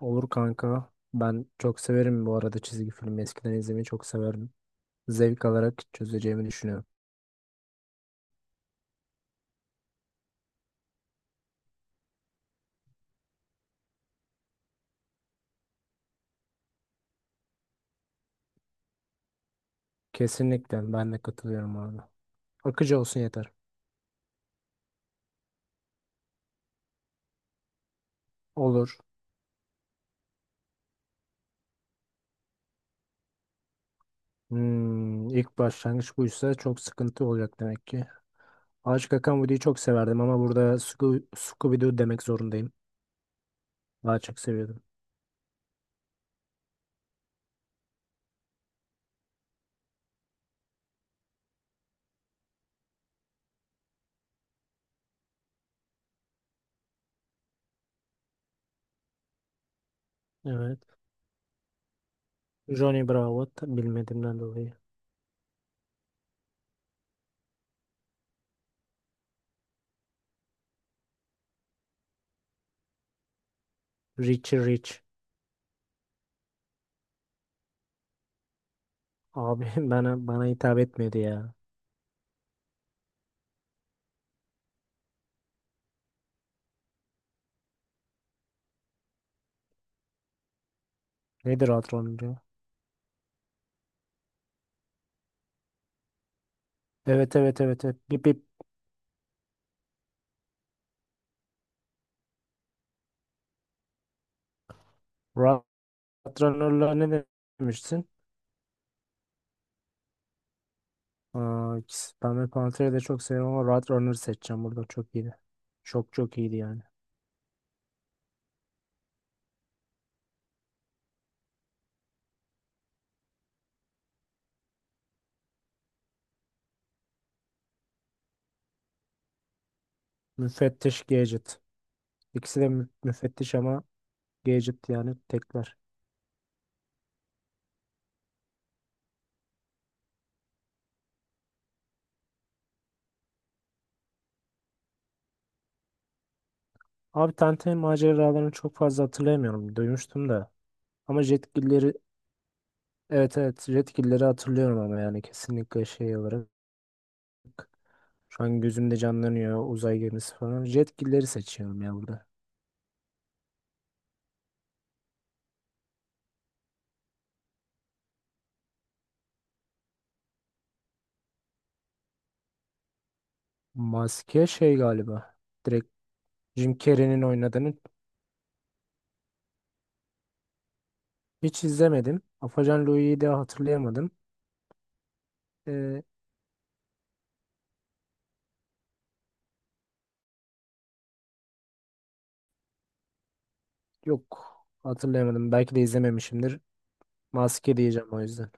Olur kanka. Ben çok severim bu arada çizgi filmi. Eskiden izlemeyi çok severdim. Zevk alarak çözeceğimi düşünüyorum. Kesinlikle ben de katılıyorum abi. Akıcı olsun yeter. Olur. Hmm, ilk başlangıç buysa çok sıkıntı olacak demek ki. Ağaç Kakan Video'yu çok severdim ama burada Scooby-Doo demek zorundayım. Daha çok seviyordum. Evet. Bilmediğimden dolayı. Richie Rich. Abi bana hitap etmedi ya. Nedir hatırlamıyorum. Evet, evet, evet, evet. Bip bip. Rahat Runner'la ne demiştin? Aa, ben de Pantera'yı da çok seviyorum ama Rahat Runner'ı seçeceğim burada. Çok iyiydi. Çok çok iyiydi yani. Müfettiş Gadget. İkisi de müfettiş ama Gadget yani tekler. Abi Tenten maceralarını çok fazla hatırlayamıyorum. Duymuştum da. Ama Jetgiller'i, evet evet, Jetgiller'i hatırlıyorum ama yani kesinlikle şey olarak. Şu an gözümde canlanıyor uzay gemisi falan. Jetgiller'i seçiyorum ya burada. Maske şey galiba. Jim Carrey'nin oynadığını hiç izlemedim. Afacan Louie'yi de hatırlayamadım. Ee, Yok, hatırlayamadım. Belki de izlememişimdir. Maske diyeceğim o yüzden.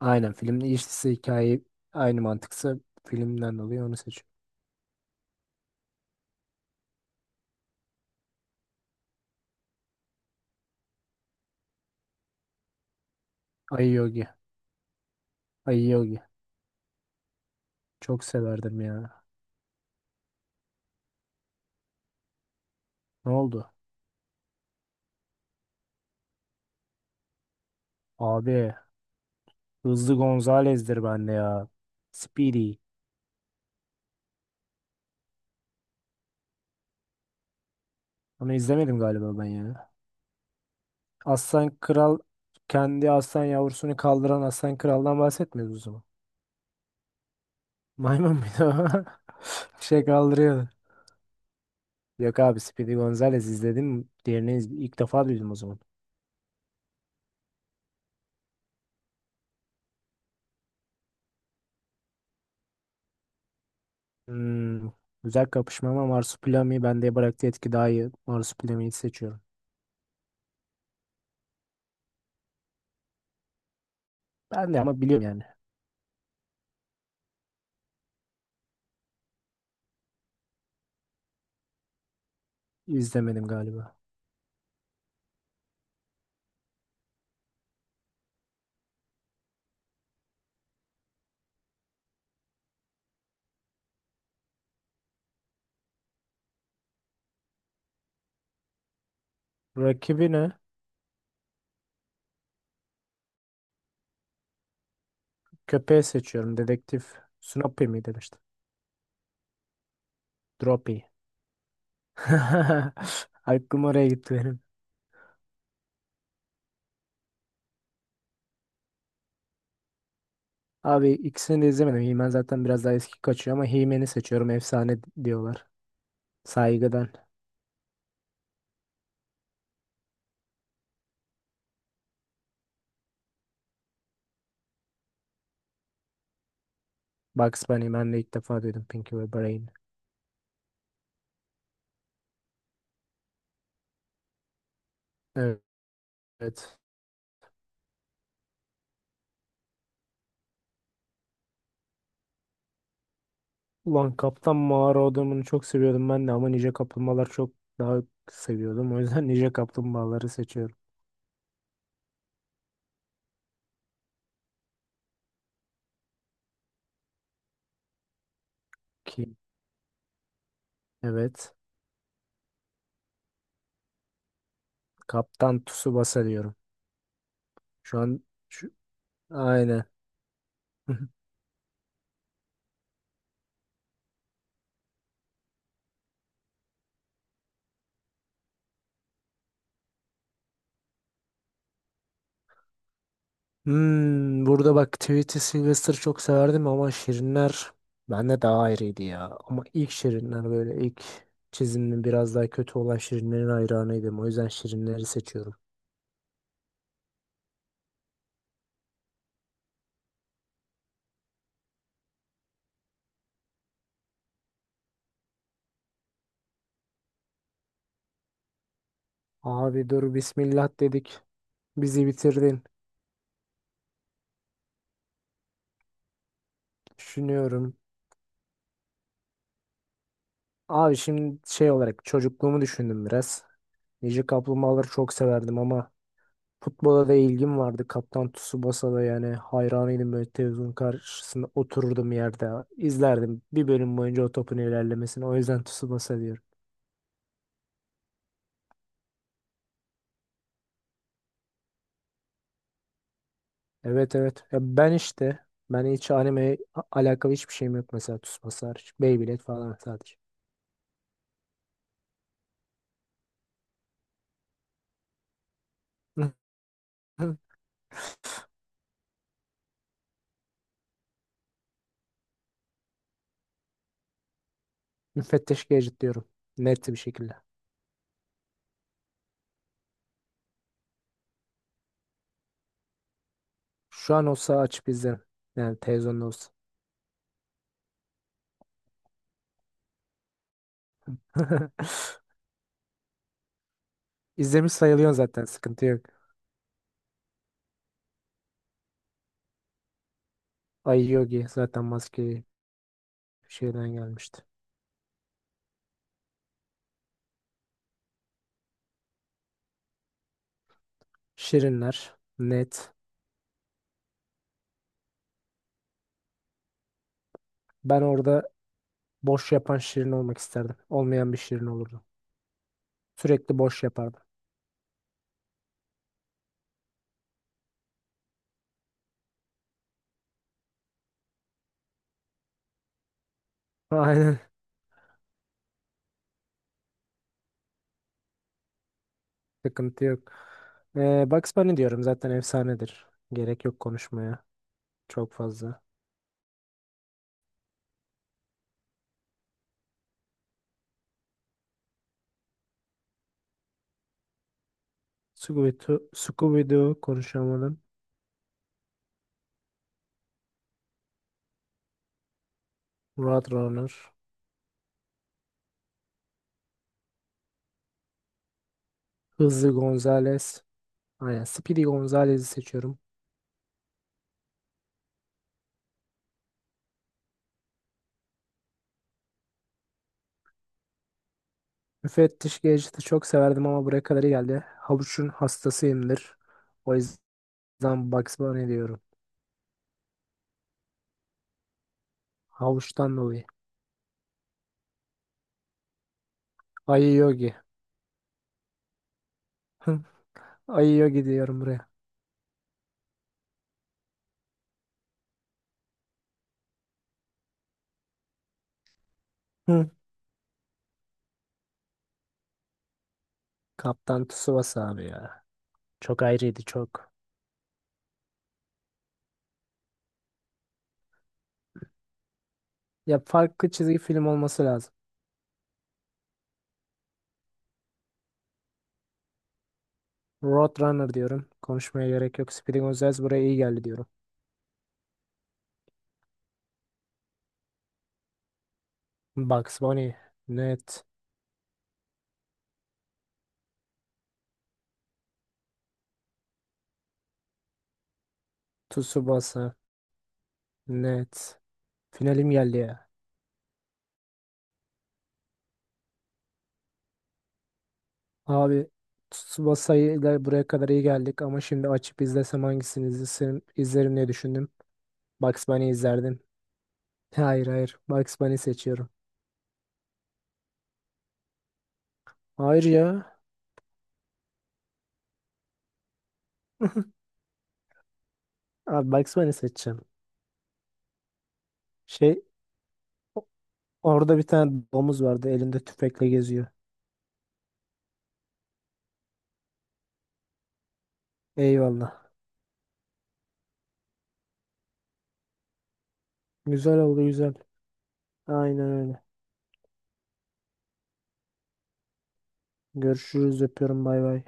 Aynen filmin işlisi hikaye aynı mantıksa filmden dolayı onu seçiyorum. Ayı Yogi. Ayı Yogi. Çok severdim ya. Ne oldu? Abi Hızlı Gonzalez'dir bende ya. Speedy. Onu izlemedim galiba ben ya. Aslan Kral kendi aslan yavrusunu kaldıran aslan kraldan bahsetmiyoruz o zaman. Maymun bir de o. Şey kaldırıyordu. Yok abi Speedy Gonzales izledim. Diğerini ilk defa duydum o zaman. Hmm, güzel kapışma ama Marsupilami bende bıraktığı etki daha iyi. Marsupilami'yi seçiyorum. Ben de ama biliyorum yani. İzlemedim galiba. Rakibi ne? Köpeği seçiyorum. Dedektif Snoopy mi demiştim. Droppy. Aklım oraya gitti benim. Abi ikisini de izlemedim. He-Man zaten biraz daha eski kaçıyor ama He-Man'i seçiyorum. Efsane diyorlar. Saygıdan. Bugs Bunny, ben de ilk defa duydum Pinky ve Brain. Evet. Ulan Kaptan Mağara adamını çok seviyordum ben de ama Ninja Kaplumbağalar çok daha seviyordum. O yüzden Ninja Kaplumbağaları seçiyorum. Ki evet. Kaptan Tsubasa diyorum. Şu an şu, aynen. Hmm, burada bak Tweety Sylvester çok severdim ama Şirinler bende daha ayrıydı ya. Ama ilk Şirinler böyle ilk çiziminin biraz daha kötü olan Şirinlerin hayranıydım. O yüzden Şirinleri seçiyorum. Abi dur bismillah dedik. Bizi bitirdin. Düşünüyorum. Abi şimdi şey olarak çocukluğumu düşündüm biraz. Nice Kaplumbağaları çok severdim ama futbola da ilgim vardı. Kaptan Tsubasa'da yani hayranıydım, böyle televizyonun karşısında otururdum yerde. İzlerdim bir bölüm boyunca o topun ilerlemesini. O yüzden Tsubasa diyorum. Evet evet. Ben hiç anime alakalı hiçbir şeyim yok mesela, Tsubasa hariç. Beyblade falan sadece. Müfettiş Gadget diyorum. Net bir şekilde. Şu an olsa açıp izlerim. Yani televizyonda olsa. İzlemiş sayılıyorsun zaten, sıkıntı yok. Ay Yogi zaten maske şeyden gelmişti. Şirinler. Net. Ben orada boş yapan Şirin olmak isterdim. Olmayan bir Şirin olurdum. Sürekli boş yapardım. Aynen. Sıkıntı yok. Bugs Bunny diyorum, zaten efsanedir. Gerek yok konuşmaya. Çok fazla. Scooby-Doo, Scooby-Doo konuşamadım. Roadrunner. Hızlı Gonzales. Aynen. Speedy Gonzales'i seçiyorum. Müfettiş Gadget'ı çok severdim ama buraya kadar iyi geldi. Havuç'un hastasıyımdır. O yüzden Bugs Bunny diyorum. Havuç'tan dolayı. Ayı Yogi. Hı. Ayı Yogi diyorum buraya. Hı. Kaptan Tsubasa abi ya. Çok ayrıydı çok. Ya farklı çizgi film olması lazım. Roadrunner diyorum. Konuşmaya gerek yok. Speeding Gonzales buraya iyi geldi diyorum. Bugs Bunny. Net. Tsubasa. Net. Finalim geldi ya. Abi Tsubasa ile buraya kadar iyi geldik ama şimdi açıp izlesem hangisini izlerim, izlerim diye düşündüm. Bugs Bunny izlerdim. Hayır hayır, Bugs Bunny seçiyorum. Hayır ya. Abi Bugs Bunny seçeceğim. Şey, orada bir tane domuz vardı, elinde tüfekle geziyor. Eyvallah. Güzel oldu güzel. Aynen öyle. Görüşürüz, öpüyorum, bay bay.